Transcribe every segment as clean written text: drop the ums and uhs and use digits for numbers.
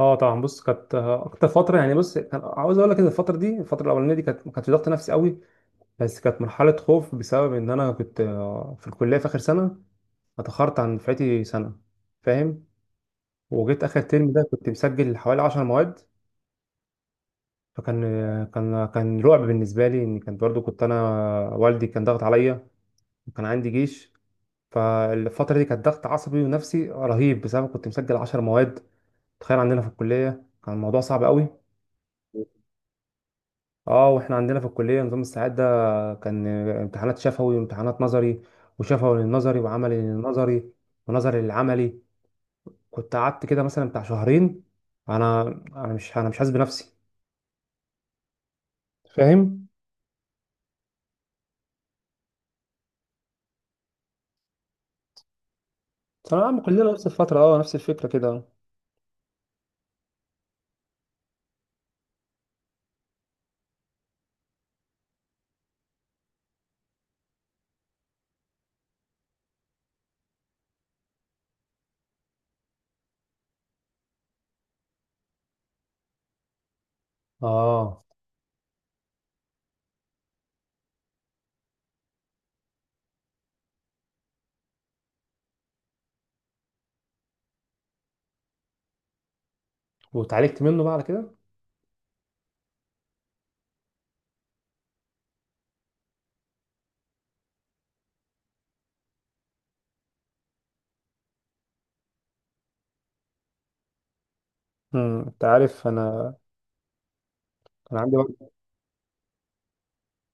اه طبعا بص كانت اكتر فتره. يعني بص كان عاوز اقول لك ان الفتره دي الفتره الاولانيه دي كانت ما كانتش ضغط نفسي قوي، بس كانت مرحله خوف بسبب ان انا كنت في الكليه في اخر سنه. اتاخرت عن دفعتي سنه، فاهم؟ وجيت اخر ترم ده كنت مسجل حوالي 10 مواد. فكان آه، كان رعب بالنسبه لي، ان كان برضو كنت انا والدي كان ضغط عليا، وكان عندي جيش. فالفتره دي كانت ضغط عصبي ونفسي رهيب بسبب كنت مسجل 10 مواد. تخيل عندنا في الكليه كان الموضوع صعب قوي. اه، واحنا عندنا في الكليه نظام الساعات ده، كان امتحانات شفوي وامتحانات نظري، وشفوي للنظري وعملي للنظري ونظري للعملي. كنت قعدت كده مثلا بتاع شهرين. انا انا مش حاسس بنفسي، فاهم؟ ثانوية عامة كلنا نفس الفترة، اه نفس الفكرة كده. اه، واتعالجت منه بقى على كده. امم، انت عارف انا كان عندي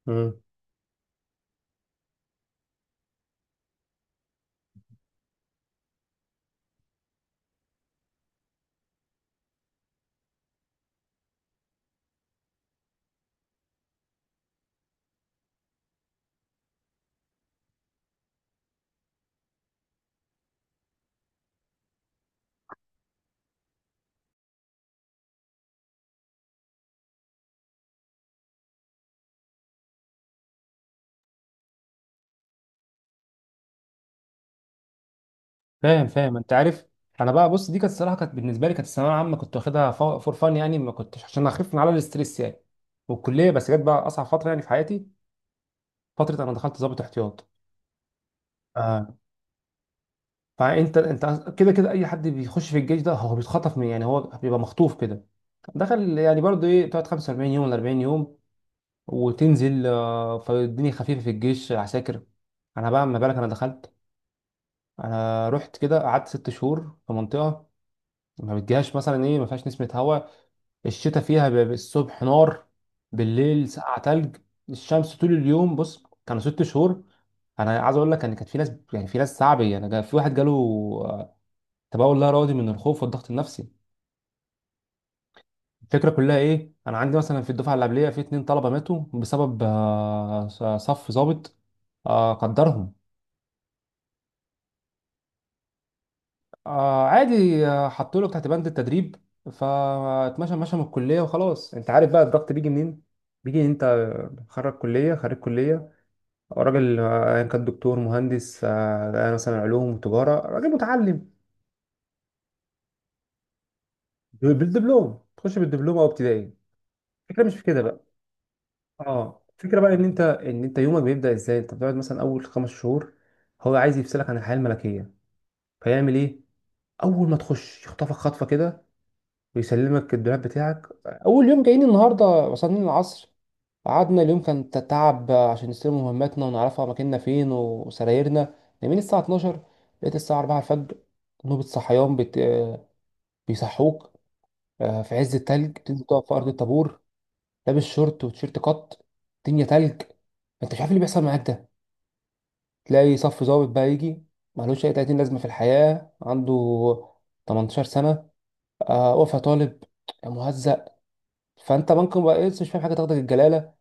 وقت. فاهم فاهم، انت عارف انا بقى. بص دي كانت الصراحه، كانت بالنسبه لي كانت الثانويه العامه كنت واخدها فور فان، يعني ما كنتش عشان اخف من على الاستريس يعني. والكليه بس جت بقى اصعب فتره يعني في حياتي. فتره انا دخلت ضابط احتياط آه. فانت انت كده كده اي حد بيخش في الجيش ده هو بيتخطف، من يعني هو بيبقى مخطوف كده. دخل يعني برضه ايه، تقعد 45 يوم ولا 40 يوم وتنزل. فالدنيا خفيفه في الجيش عساكر. انا بقى ما بالك انا دخلت. انا رحت كده قعدت ست شهور في منطقه ما بتجيهاش مثلا ايه، ما فيهاش نسمه هواء. الشتاء فيها بيبقى الصبح نار، بالليل سقعة تلج، الشمس طول اليوم. بص كانوا ست شهور. انا عايز اقول لك ان كانت في ناس يعني في ناس صعبه. انا في واحد جاله آه، تبول لا ارادي من الخوف والضغط النفسي. الفكره كلها ايه، انا عندي مثلا في الدفعه اللي قبليه في اتنين طلبه ماتوا بسبب صف ظابط. قدرهم عادي. حطوا له تحت بند التدريب، فاتمشى مشى من الكليه وخلاص. انت عارف بقى الضغط بيجي منين؟ بيجي انت خرج كليه، خريج كليه، راجل ايا كان دكتور مهندس مثلا علوم وتجاره، راجل متعلم بالدبلوم. تخش بالدبلوم او ابتدائي. الفكره مش في كده بقى. اه الفكره بقى ان انت ان انت يومك بيبدا ازاي. انت بتقعد مثلا اول خمس شهور هو عايز يفصلك عن الحياه الملكيه. فيعمل ايه؟ اول ما تخش يخطفك خطفه كده، ويسلمك الدولاب بتاعك. اول يوم جايين النهارده وصلنا العصر، قعدنا اليوم كان تعب عشان نستلم مهماتنا ونعرفها مكاننا فين وسرايرنا. نايمين الساعة 12، لقيت الساعة 4 الفجر نوبة صحيان بت... آه، بيصحوك. في عز التلج تنزل تقف في أرض الطابور لابس شورت وتيشيرت قط، الدنيا تلج. انت مش عارف إيه اللي بيحصل معاك ده. تلاقي صف ضابط بقى يجي ملوش أي 30 لازمة في الحياة، عنده 18 سنة وقفة طالب مهزأ. فأنت ممكن بقى مش فاهم حاجة تاخدك الجلالة.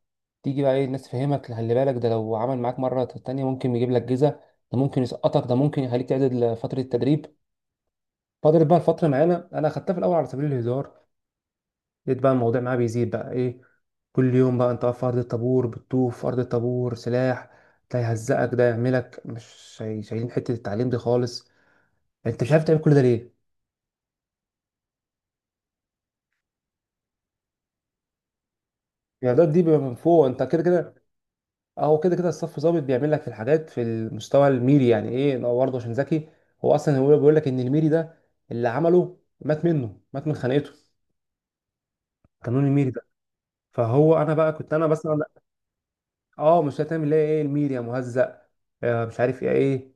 تيجي بقى ايه، الناس تفهمك خلي بالك، ده لو عمل معاك مرة تانية ممكن يجيب لك جزا، ده ممكن يسقطك، ده ممكن يخليك تعدل فترة التدريب. فضلت بقى الفترة معانا انا خدتها في الاول على سبيل الهزار، لقيت بقى الموضوع معايا بيزيد بقى ايه. كل يوم بقى انت واقف في ارض الطابور، بتطوف في ارض الطابور سلاح، ده يهزقك ده يعملك. مش شاي- شايلين حتة التعليم دي خالص، يعني انت مش عارف تعمل كل ده ليه؟ يعني ده دي بيبقى من فوق، انت كده كده. اه هو كده كده الصف ظابط بيعمل لك في الحاجات في المستوى الميري، يعني ايه لو برضه عشان ذكي. هو اصلا هو بيقول لك ان الميري ده اللي عمله مات منه، مات من خناقته قانون الميري ده. فهو انا بقى كنت انا بس أنا اه، مش هتعمل ليه ايه الميري يا مهزأ؟ آه مش عارف ايه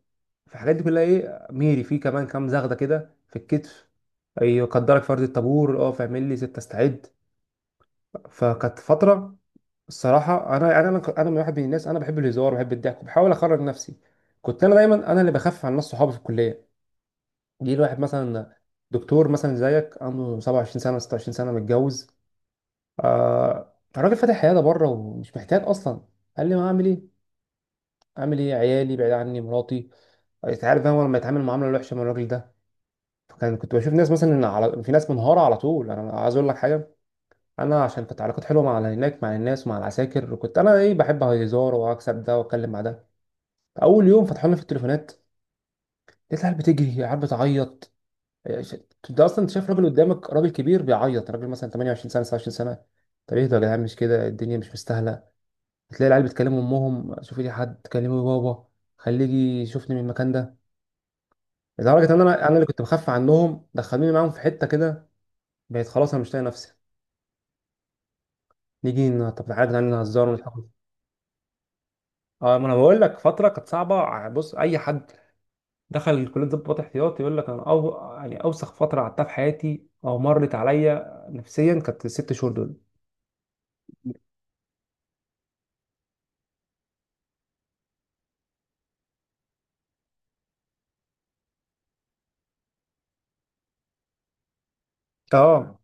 في الحاجات دي كلها، ايه ميري في كمان كام زغده كده في الكتف. ايوه قدرك فرد الطابور، اه فاعمل لي ستة استعد. فكانت فترة. الصراحه انا من واحد من الناس، انا بحب الهزار وبحب الضحك وبحاول اخرج نفسي. كنت انا دايما انا اللي بخفف عن ناس صحابي في الكليه. جه الواحد مثلا دكتور مثلا زيك عنده 27 سنه 26 سنه متجوز، آه راجل فاتح عياده بره ومش محتاج اصلا. قال لي ما اعمل ايه؟ اعمل ايه؟ عيالي بعيد عني، مراتي. انت عارف انا لما يتعامل معامله وحشه من الراجل ده. فكان كنت بشوف ناس مثلا إن على، في ناس منهاره على طول. انا عايز اقول لك حاجه، انا عشان كنت علاقات حلوه مع هناك مع الناس ومع العساكر، وكنت انا ايه بحب هزار واكسب ده واتكلم مع ده. اول يوم فتحوا لنا في التليفونات لقيت العيال بتجري، العيال بتعيط، إيه، ش- انت اصلا انت شايف راجل قدامك، راجل كبير بيعيط، راجل مثلا 28 سنه 29 سنه. طب ايه ده يا جدعان؟ مش كده الدنيا مش مستاهله. بتلاقي العيال بتكلم امهم، شوفي لي حد، كلمي بابا خليه يجي يشوفني من المكان ده. لدرجه ان انا اللي كنت بخاف عنهم دخلوني معاهم في حته كده. بقيت خلاص انا مش طايق نفسي. طب تعالى يا جدعان نهزر ونضحك. اه ما انا بقول لك فتره كانت صعبه. بص اي حد دخل كليه ضباط احتياط يقول لك انا أو يعني اوسخ فتره قعدتها في حياتي، او مرت عليا نفسيا، كانت الست شهور دول. اه.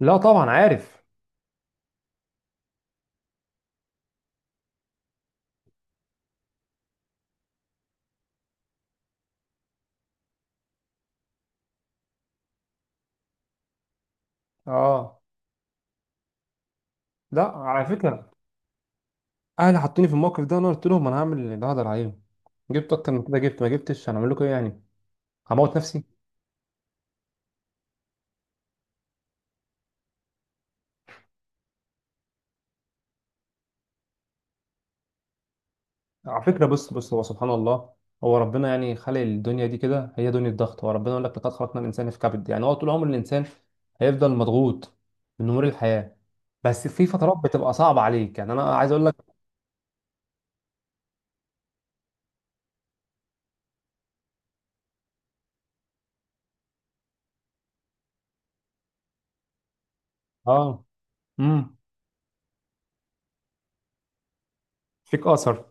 لا طبعا عارف. اه. لا على فكره، اهلي حطوني في الموقف ده وانا قلت لهم انا هعمل اللي هقدر عليهم. جبت اكتر من كده جبت، ما جبتش هنعمل لكم ايه يعني؟ هموت نفسي. على فكرة بص هو سبحان الله، هو ربنا يعني خلق الدنيا دي كده، هي دنيا ضغط. هو ربنا يقول لك لقد خلقنا الإنسان في كبد. يعني هو طول عمر الإنسان هيفضل مضغوط من أمور الحياة. بس في فترات بتبقى صعبة عليك، يعني أنا عايز أقول لك. آه. امم، فيك أثر.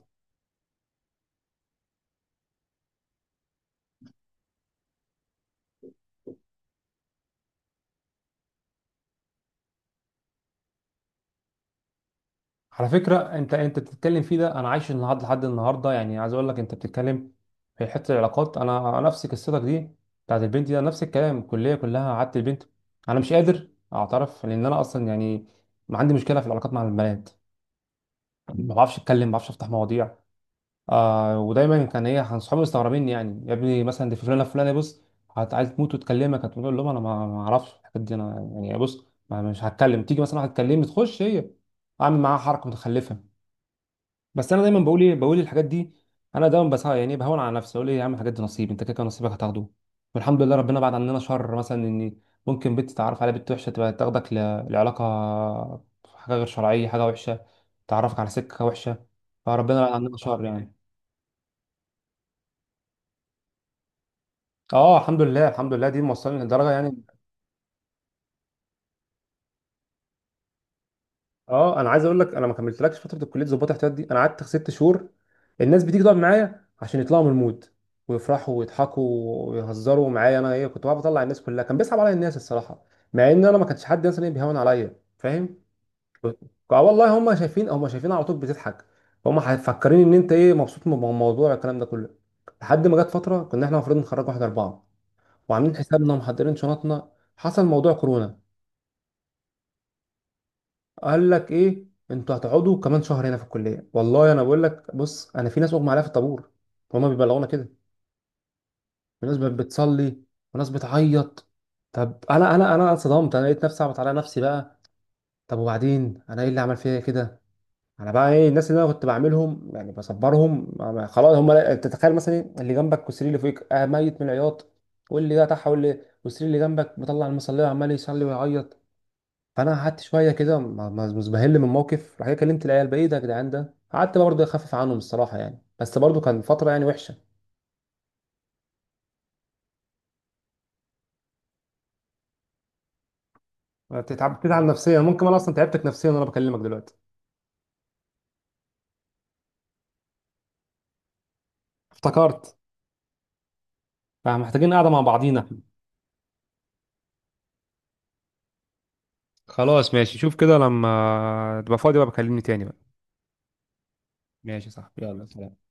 على فكرة أنت بتتكلم فيه ده، أنا عايش النهاردة لحد النهاردة. يعني عايز أقول لك، أنت بتتكلم في حتة العلاقات، أنا نفس قصتك دي بتاعت البنت دي، أنا نفس الكلام. الكلية كلها قعدت البنت، أنا مش قادر أعترف لأن أنا أصلا يعني ما عندي مشكله في العلاقات مع البنات. ما بعرفش اتكلم، ما بعرفش افتح مواضيع. آه ودايما كان ايه، كان صحابي مستغربين، يعني يا ابني مثلا دي فلانه فلانه، بص عايز تموت وتكلمك؟ هتقول لهم انا ما اعرفش الحاجات دي، انا يعني بص ما مش هتكلم. تيجي مثلا واحد تكلمني تخش هي اعمل معاها حركه متخلفه؟ بس انا دايما بقول ايه، بقول الحاجات دي. انا دايما بس يعني بهون على نفسي اقول ايه، يا عم الحاجات دي نصيب، انت كده كده نصيبك هتاخده. والحمد لله ربنا بعد عننا شر، مثلا ان ممكن بنت تعرف على بنت وحشه تبقى تاخدك لعلاقه، حاجه غير شرعيه، حاجه وحشه تعرفك على سكه وحشه، فربنا بعد عننا شر يعني. اه الحمد لله الحمد لله، دي موصلني لدرجه يعني. اه انا عايز اقول لك، انا ما كملتلكش فتره الكليه ظباط احتياط دي، انا قعدت ست شهور. الناس بتيجي تقعد معايا عشان يطلعوا من المود ويفرحوا ويضحكوا ويهزروا معايا. انا ايه كنت بقى بطلع الناس كلها، كان بيصعب عليا الناس الصراحه، مع ان انا ما كانش حد مثلا إيه بيهون عليا، فاهم؟ اه والله هم شايفين، هم شايفين على طول بتضحك، هم مفكرين ان انت ايه مبسوط من الموضوع الكلام ده كله. لحد ما جت فتره كنا احنا المفروض نخرج واحد اربعه وعاملين حسابنا ومحضرين شنطنا، حصل موضوع كورونا. قال لك ايه، انتوا هتقعدوا كمان شهر هنا في الكليه. والله انا بقول لك بص، انا في ناس اغمى عليها في الطابور، هما بيبلغونا كده. وناس بتصلي، وناس بتعيط. طب انا اتصدمت، انا لقيت نفسي اعبط على نفسي بقى. طب وبعدين انا ايه اللي عمل فيا كده؟ انا بقى ايه الناس اللي انا كنت بعملهم يعني بصبرهم خلاص هم. تتخيل مثلا إيه؟ اللي جنبك والسرير اللي فوقك آه ميت من العياط، واللي ده تحت واللي والسرير اللي جنبك مطلع المصليه وعمال يصلي ويعيط. فانا قعدت شويه كده مزبهل من الموقف. راح جاي كلمت العيال بقى ايه ده يا جدعان، ده قعدت برضه إيه اخفف عنهم الصراحه يعني، بس برضه كان فتره يعني وحشه. بتتعب، بتتعب نفسيا. ممكن انا اصلا تعبتك نفسيا وانا بكلمك دلوقتي. افتكرت. فمحتاجين قاعده مع بعضينا. خلاص ماشي، شوف كده لما تبقى فاضي بقى بكلمني تاني بقى. ماشي صح، يلا سلام.